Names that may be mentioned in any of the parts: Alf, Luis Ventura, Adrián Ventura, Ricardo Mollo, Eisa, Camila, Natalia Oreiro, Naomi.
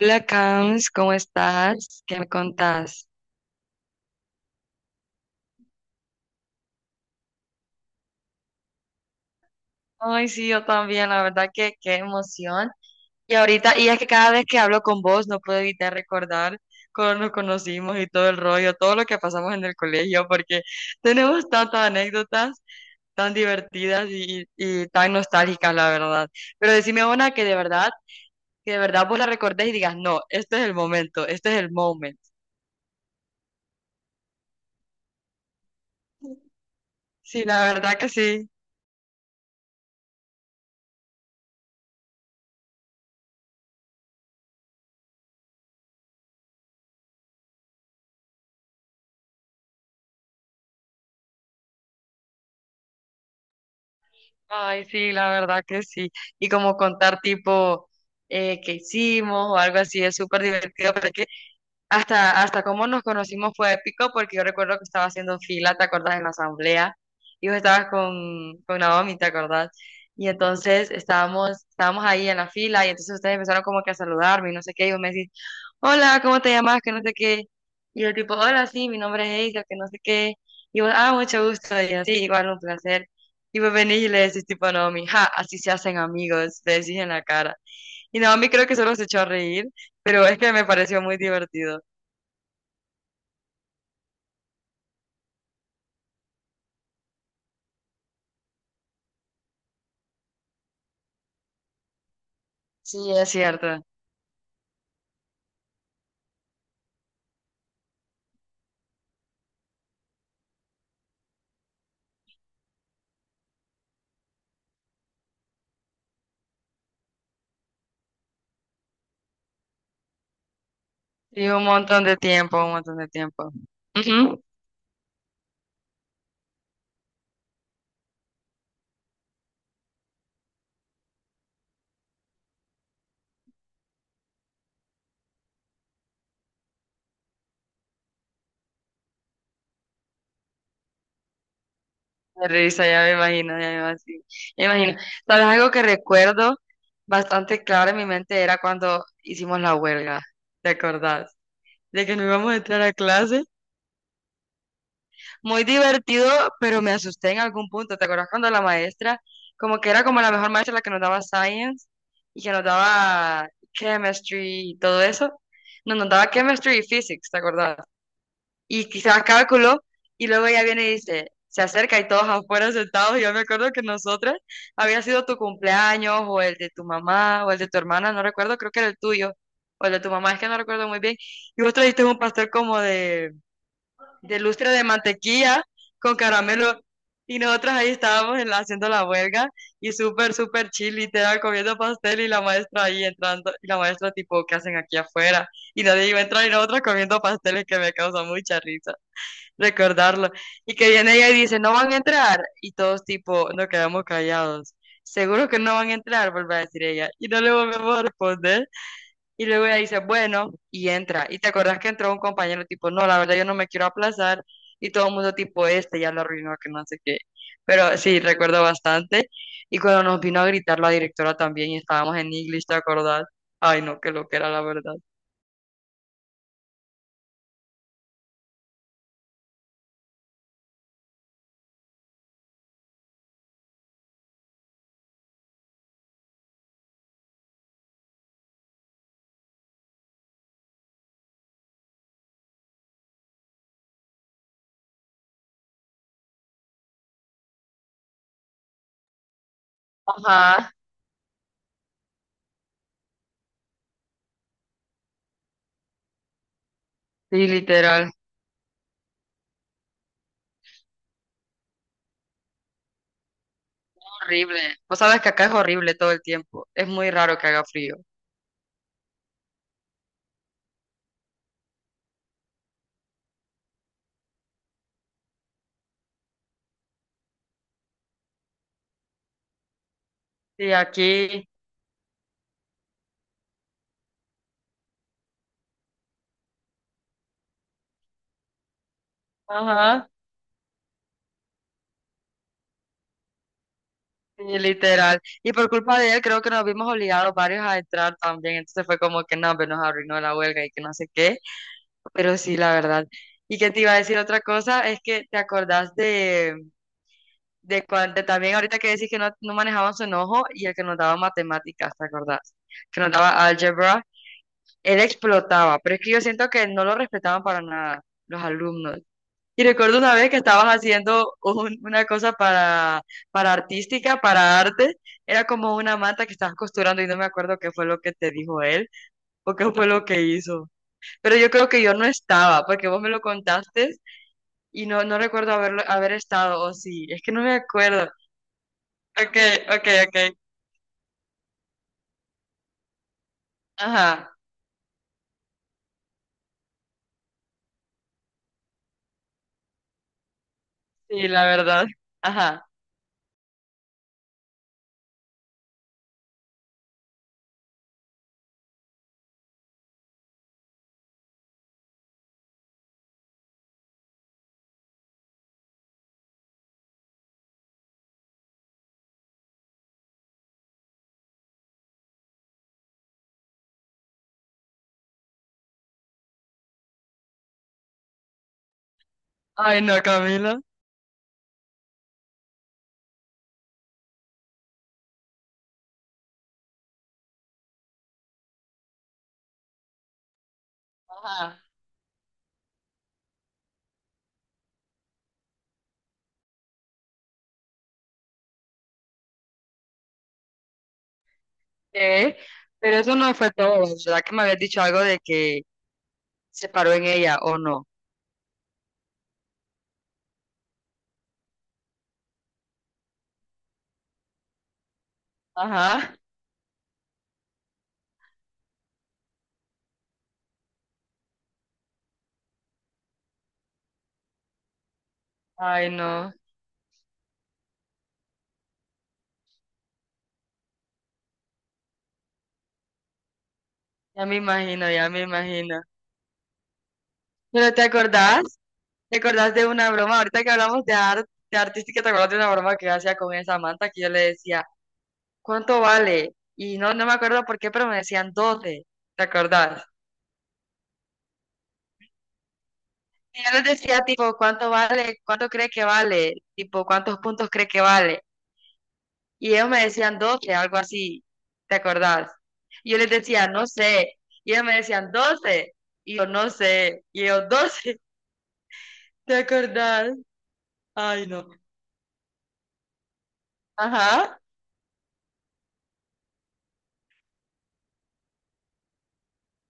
Hola, Cams, ¿cómo estás? ¿Qué me contás? Ay, sí, yo también, la verdad que qué emoción. Y ahorita, y es que cada vez que hablo con vos no puedo evitar recordar cuando nos conocimos y todo el rollo, todo lo que pasamos en el colegio, porque tenemos tantas anécdotas tan divertidas y tan nostálgicas, la verdad. Pero decime una que de verdad vos la recordés y digas, no, este es el momento, este es el moment. Sí, la verdad que sí. Ay, sí, la verdad que sí. Y como contar tipo qué hicimos o algo así es súper divertido, hasta cómo nos conocimos fue épico porque yo recuerdo que estaba haciendo fila, ¿te acordás? En la asamblea y vos estabas con Naomi, ¿te acordás? Y entonces estábamos ahí en la fila y entonces ustedes empezaron como que a saludarme y no sé qué, y vos me decís, hola, ¿cómo te llamas? Que no sé qué. Y yo tipo, hola, sí, mi nombre es Eisa, que no sé qué. Y vos, ah, mucho gusto. Y así, igual, un placer. Y vos venís y le decís tipo a Naomi, ja, así se hacen amigos, le decís en la cara. Y Naomi creo que solo se echó a reír, pero es que me pareció muy divertido. Sí, es cierto. Y un montón de tiempo, un montón de tiempo. Ujú. Me risa, ya me imagino, ya me imagino. Sí, me imagino. ¿Sabes algo que recuerdo bastante claro en mi mente era cuando hicimos la huelga? ¿Te acordás? De que no íbamos a entrar a clase. Muy divertido, pero me asusté en algún punto. ¿Te acordás cuando la maestra, como que era como la mejor maestra, la que nos daba science y que nos daba chemistry y todo eso? No, nos daba chemistry y physics, ¿te acordás? Y quizás cálculo, y luego ella viene y dice, se acerca y todos afuera sentados, y yo me acuerdo que nosotras había sido tu cumpleaños, o el de tu mamá, o el de tu hermana, no recuerdo, creo que era el tuyo, o el de tu mamá, es que no recuerdo muy bien, y vos trajiste un pastel como de lustre de mantequilla con caramelo, y nosotras ahí estábamos en la- haciendo la huelga, y súper, súper chill, literal, comiendo pastel, y la maestra ahí entrando, y la maestra tipo, ¿qué hacen aquí afuera? Y nadie iba a entrar, y nosotras comiendo pasteles que me causa mucha risa recordarlo. Y que viene ella y dice, no van a entrar. Y todos tipo, nos quedamos callados. Seguro que no van a entrar, vuelve a decir ella. Y no le volvemos a responder. Y luego ella dice, bueno, y entra. Y te acordás que entró un compañero tipo, no, la verdad yo no me quiero aplazar. Y todo el mundo tipo, este ya lo arruinó, que no sé qué. Pero sí, recuerdo bastante. Y cuando nos vino a gritar la directora también y estábamos en English, ¿te acordás? Ay, no, que lo que era la verdad. Ajá, sí, literal. Horrible. Vos sabes que acá es horrible todo el tiempo. Es muy raro que haga frío. Sí, aquí, ajá, sí, literal. Y por culpa de él, creo que nos vimos obligados varios a entrar también. Entonces fue como que no, pues nos arruinó la huelga y que no sé qué. Pero sí, la verdad. Y que te iba a decir otra cosa, es que te acordás de cuando también ahorita que decís que no manejaban su enojo y el que nos daba matemáticas, ¿te acordás? Que nos daba álgebra. Él explotaba, pero es que yo siento que no lo respetaban para nada los alumnos. Y recuerdo una vez que estabas haciendo un- una cosa para artística, para arte. Era como una manta que estabas costurando y no me acuerdo qué fue lo que te dijo él o qué fue lo que hizo. Pero yo creo que yo no estaba porque vos me lo contaste no recuerdo haberlo, haber estado o sí. Es que no me acuerdo. Ok, ok, ok. Ajá. Sí, la verdad. Ajá. Ay, no, Camila. Ajá. ¿Qué? Pero eso no fue todo. Verdad que me habías dicho algo de que se paró en ella o no. Ajá. Ay, no, ya me imagino, ya me imagino. Pero ¿te acordás? ¿Te acordás de una broma? Ahorita que hablamos de arte, de artística, ¿te acordás de una broma que yo hacía con esa manta que yo le decía, ¿cuánto vale? Y no, no me acuerdo por qué, pero me decían doce. ¿Te acordás? Y yo les decía, tipo, ¿cuánto vale? ¿Cuánto cree que vale? Tipo, ¿cuántos puntos cree que vale? Y ellos me decían 12, algo así. ¿Te acordás? Y yo les decía, no sé. Y ellos me decían 12. Y yo, no sé. Y ellos, 12. ¿Te acordás? Ay, no. Ajá.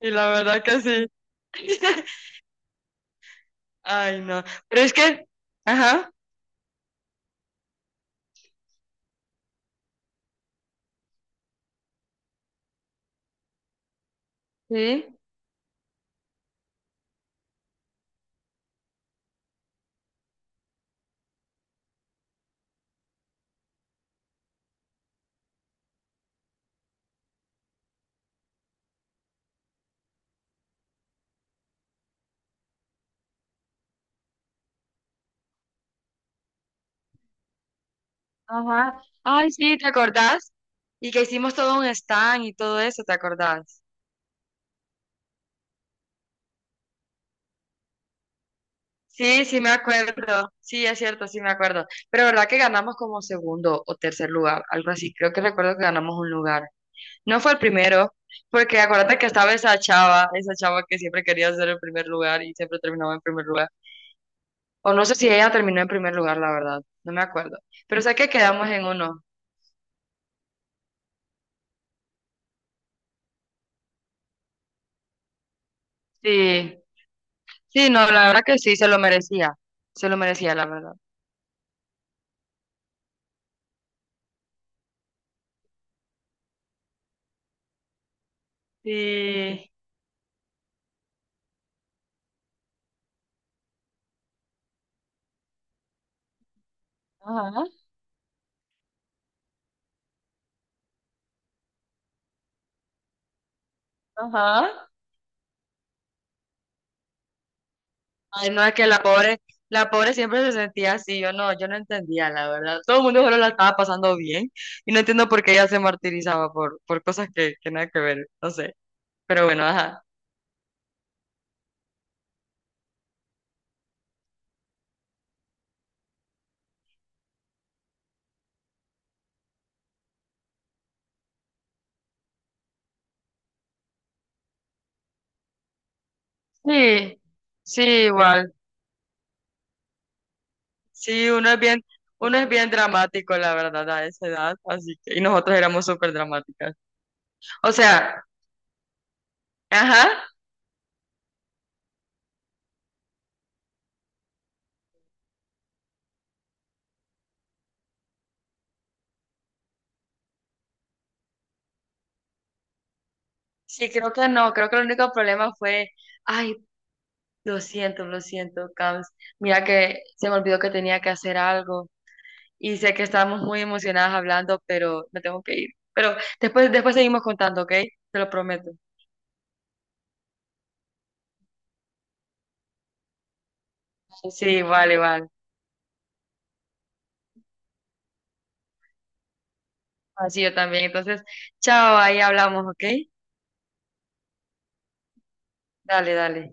Y la verdad que sí. Ay, no. Pero es que, ajá, sí, ajá. Ay, sí, ¿te acordás? Y que hicimos todo un stand y todo eso, ¿te acordás? Sí, sí me acuerdo. Sí, es cierto, sí me acuerdo. Pero verdad que ganamos como segundo o tercer lugar, algo así. Creo que recuerdo que ganamos un lugar. No fue el primero, porque acuérdate que estaba esa chava que siempre quería ser el primer lugar y siempre terminaba en primer lugar. O no sé si ella terminó en primer lugar, la verdad. No me acuerdo. Pero sé que quedamos en uno. Sí. Sí, no, la verdad que sí, se lo merecía. Se lo merecía, la verdad. Sí. Ajá, ajá. Ay, no, es que la pobre siempre se sentía así. Yo no, yo no entendía, la verdad. Todo el mundo solo la estaba pasando bien. Y no entiendo por qué ella se martirizaba por cosas que nada que ver. No sé. Pero bueno, ajá. Sí. Sí, igual. Sí, uno es bien, uno es bien dramático, la verdad, a esa edad, así que, y nosotros éramos súper dramáticas. O sea, ajá, sí, creo que no, creo que el único problema fue, ay, lo siento, Cams, mira que se me olvidó que tenía que hacer algo, y sé que estábamos muy emocionadas hablando, pero me tengo que ir. Pero después seguimos contando, ¿ok? Te lo prometo. Sí, vale, vale. Así yo también. Entonces, chao, ahí hablamos, ¿ok? Dale, dale.